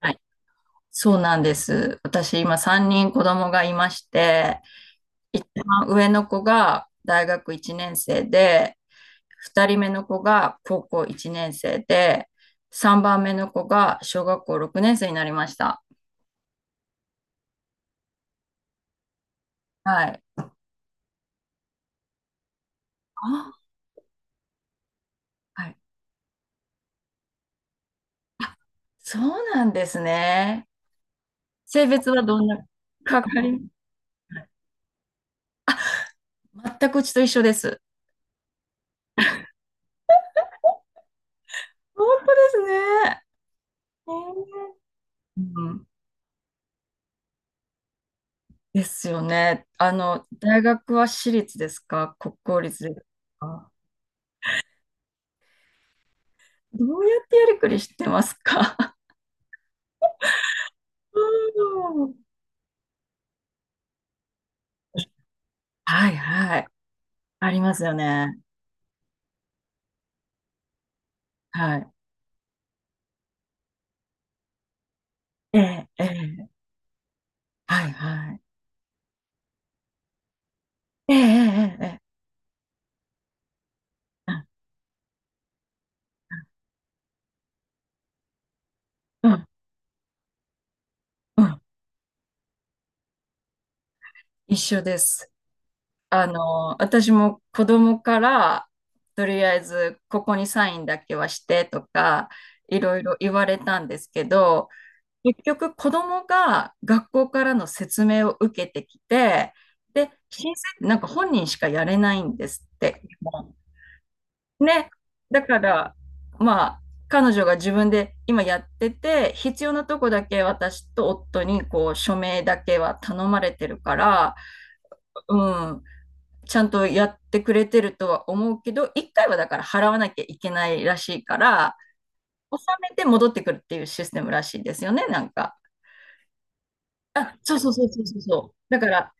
はい、そうなんです。私、今3人子供がいまして、一番上の子が大学1年生で、2人目の子が高校1年生で、3番目の子が小学校6年生になりました。はい。あ、はい。そうなんですね。性別はどんな、かかり、全くうちと一緒です。本当ですね。うん。ですよね。あの、大学は私立ですか、国公立ですか？どうやってやりくりしてますか？ うん。はいはい。ありますよね。はい。ええ、ええ、はいはい。ええ、ええ、ええ、うんうんうん。一緒です。あの、私も子供から、とりあえず、ここにサインだけはしてとか、いろいろ言われたんですけど、結局子供が学校からの説明を受けてきて、で、申請ってなんか本人しかやれないんですって。ね。だから、まあ、彼女が自分で今やってて、必要なとこだけ私と夫にこう署名だけは頼まれてるから、うん、ちゃんとやってくれてるとは思うけど、一回はだから払わなきゃいけないらしいから、納めて戻ってくるっていうシステムらしいですよね、なんか。あ、そうそうそうそうそうそう。だから、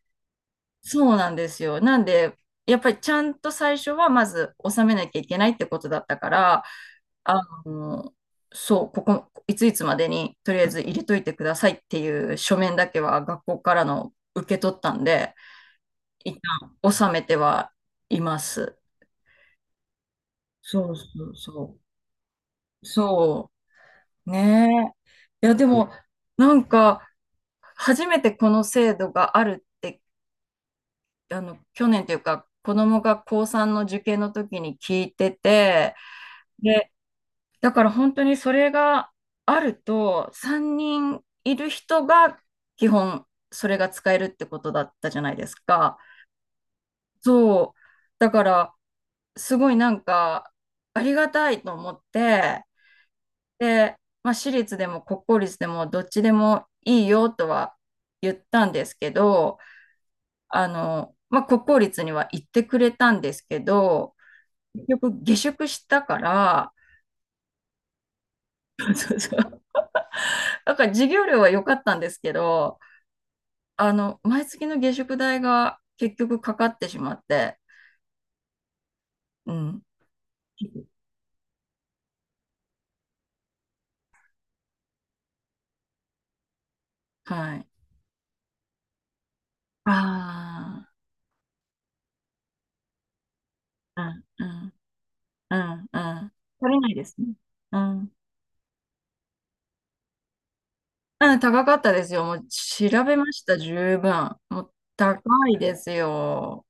そうなんですよ。なんで、やっぱりちゃんと最初はまず納めなきゃいけないってことだったから、あの、そう、ここ、いついつまでにとりあえず入れといてくださいっていう書面だけは学校からの受け取ったんで、一旦納めてはいます。そうそうそう。そう。ねえ。いや、でも、なんか、初めてこの制度があるって、あの、去年というか子供が高3の受験の時に聞いてて、で、だから本当にそれがあると、3人いる人が基本それが使えるってことだったじゃないですか。そう、だからすごいなんかありがたいと思って、で、まあ、私立でも国公立でもどっちでもいいよとは言ったんですけど、あの、まあ、国公立には行ってくれたんですけど、結局下宿したから、そうそう。だから授業料は良かったんですけど、あの、毎月の下宿代が結局かかってしまって、うん。はい。ああ、うん、うん、うん、うん。足りないですね。うん。うん、高かったですよ。もう調べました、十分。もう高いですよ。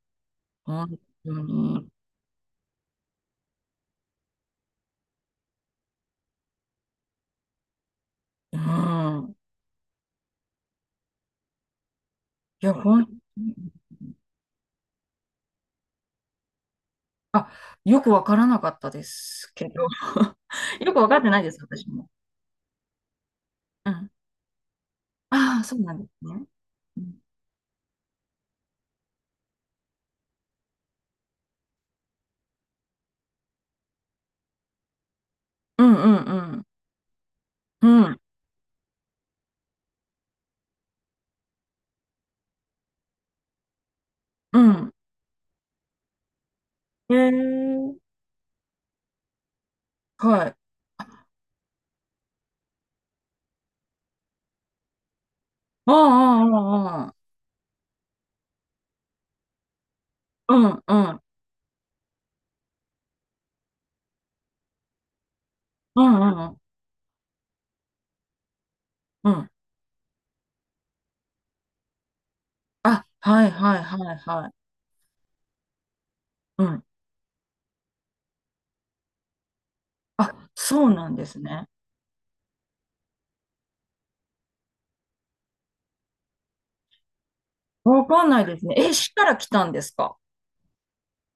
本当に。うん。いや、本当に。あ、よくわからなかったですけど。よくわかってないです、私も。うん。ああ、そうなんですね。うんうんうんうん。うん。うん。へえー。はい。ああ、ああ、ああ。うんうんうんうんうん。う。あ、はいはいはいはい。うん。あ、そうなんですね。わかんないですね。え、市から来たんですか？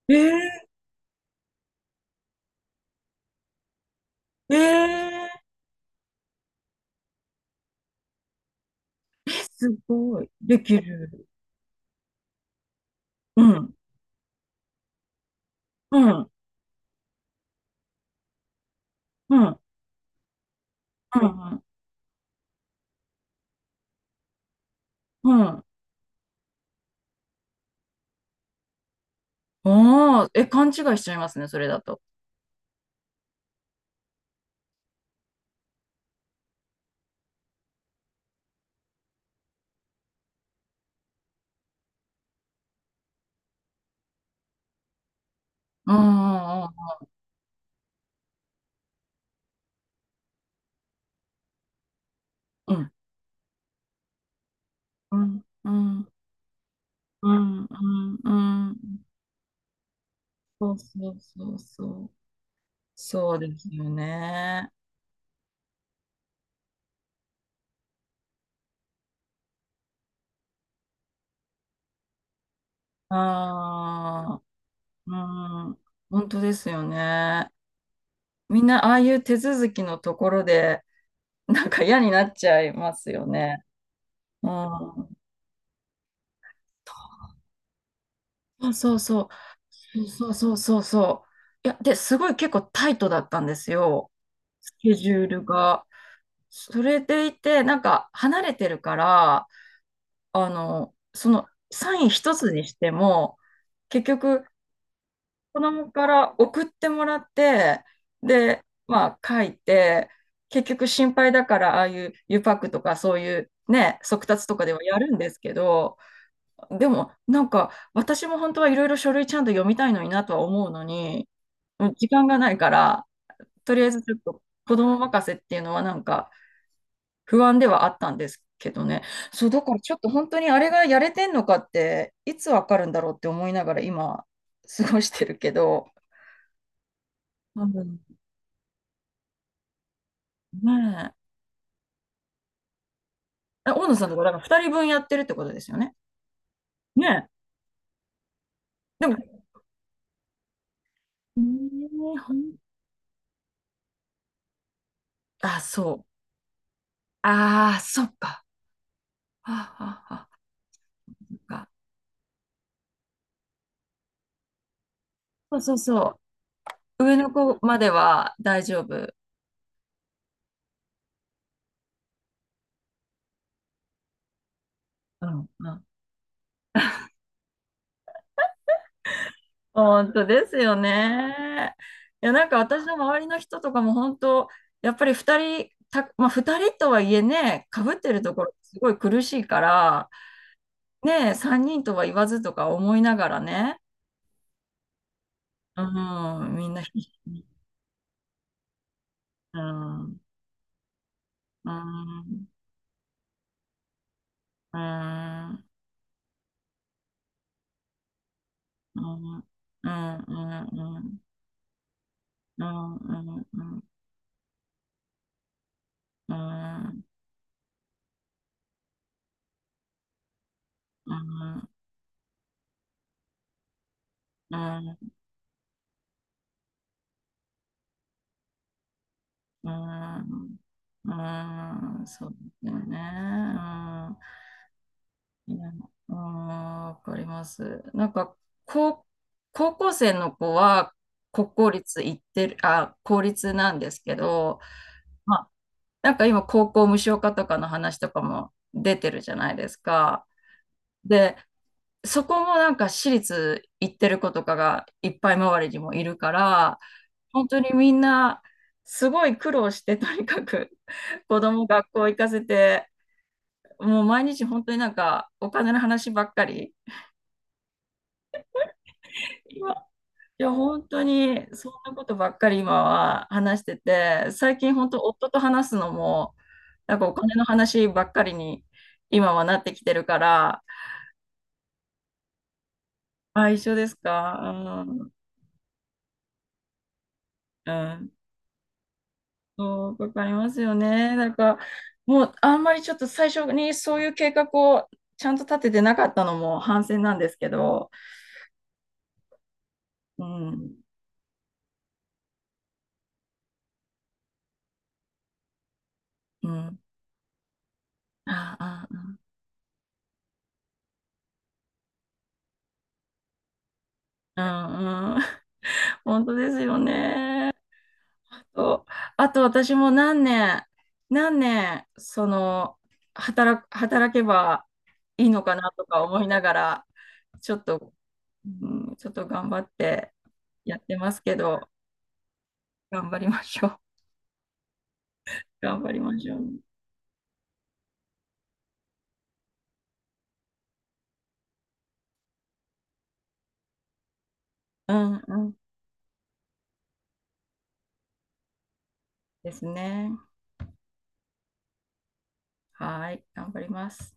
えー、えー、え、すごい。できる。うん。うん。うん。うん。うん。うん。ああ、え、勘違いしちゃいますね、それだと。うんうんうんうん。うんうんうんうんうんうんうんうん。そうそうそうそう。そうですよね。ああ、うん。本当ですよね。みんなああいう手続きのところで、なんか嫌になっちゃいますよね。うん。そうそうそう。そうそうそうそう。いや、で、すごい結構タイトだったんですよ。スケジュールが。それでいて、なんか離れてるから、あの、そのサイン一つにしても、結局、子供から送ってもらって、で、まあ書いて、結局心配だから、ああいうゆパックとかそういうね、速達とかではやるんですけど、でもなんか私も本当はいろいろ書類ちゃんと読みたいのになとは思うのに、もう時間がないから、とりあえずちょっと子供任せっていうのはなんか、不安ではあったんですけどね。そう、だからちょっと本当にあれがやれてんのかって、いつわかるんだろうって思いながら今、過ごしてるけど。多分。ねえ。え、大野さんとか、だから2人分やってるってことですよね。ねえ。でも、えーほんあ、そう。ああ、そっか。ああ、あはあ、そっか。そうそうそう。上の子までは大丈夫。うん、うん。本当ですよね。いや、なんか私の周りの人とかも本当、やっぱり二人、た、まあ二人とはいえね、かぶってるところすごい苦しいから、ね、三人とは言わずとか思いながらね、うん、みんな必死に、うん、うん、うん、うん、うん、うん、うん、うん、うん、うん、うん、うん、うん、うん。そうだよね。うん。いや、あー、わかります。なんか、高、高校生の子は国公立行ってる、あ、公立なんですけど、まあ、なんか今、高校無償化とかの話とかも出てるじゃないですか。で、そこもなんか私立行ってる子とかがいっぱい周りにもいるから、本当にみんな、すごい苦労して、とにかく子供学校行かせて、もう毎日本当になんかお金の話ばっかり。いや、本当に、そんなことばっかり今は話してて、最近本当、夫と話すのも、なんかお金の話ばっかりに今はなってきてるから、あ、一緒ですか？うん、うん、そう、わかりますよね。なんか、もうあんまりちょっと最初にそういう計画をちゃんと立ててなかったのも反省なんですけど、うん、うん、ああ、うん、うん、本当ですよね。あと、あと私も何年、何年、その、働けばいいのかなとか思いながら、ちょっと、うん、ちょっと頑張ってやってますけど、頑張りましょう。頑張りましょう。うんうん。ですね。はい。頑張ります。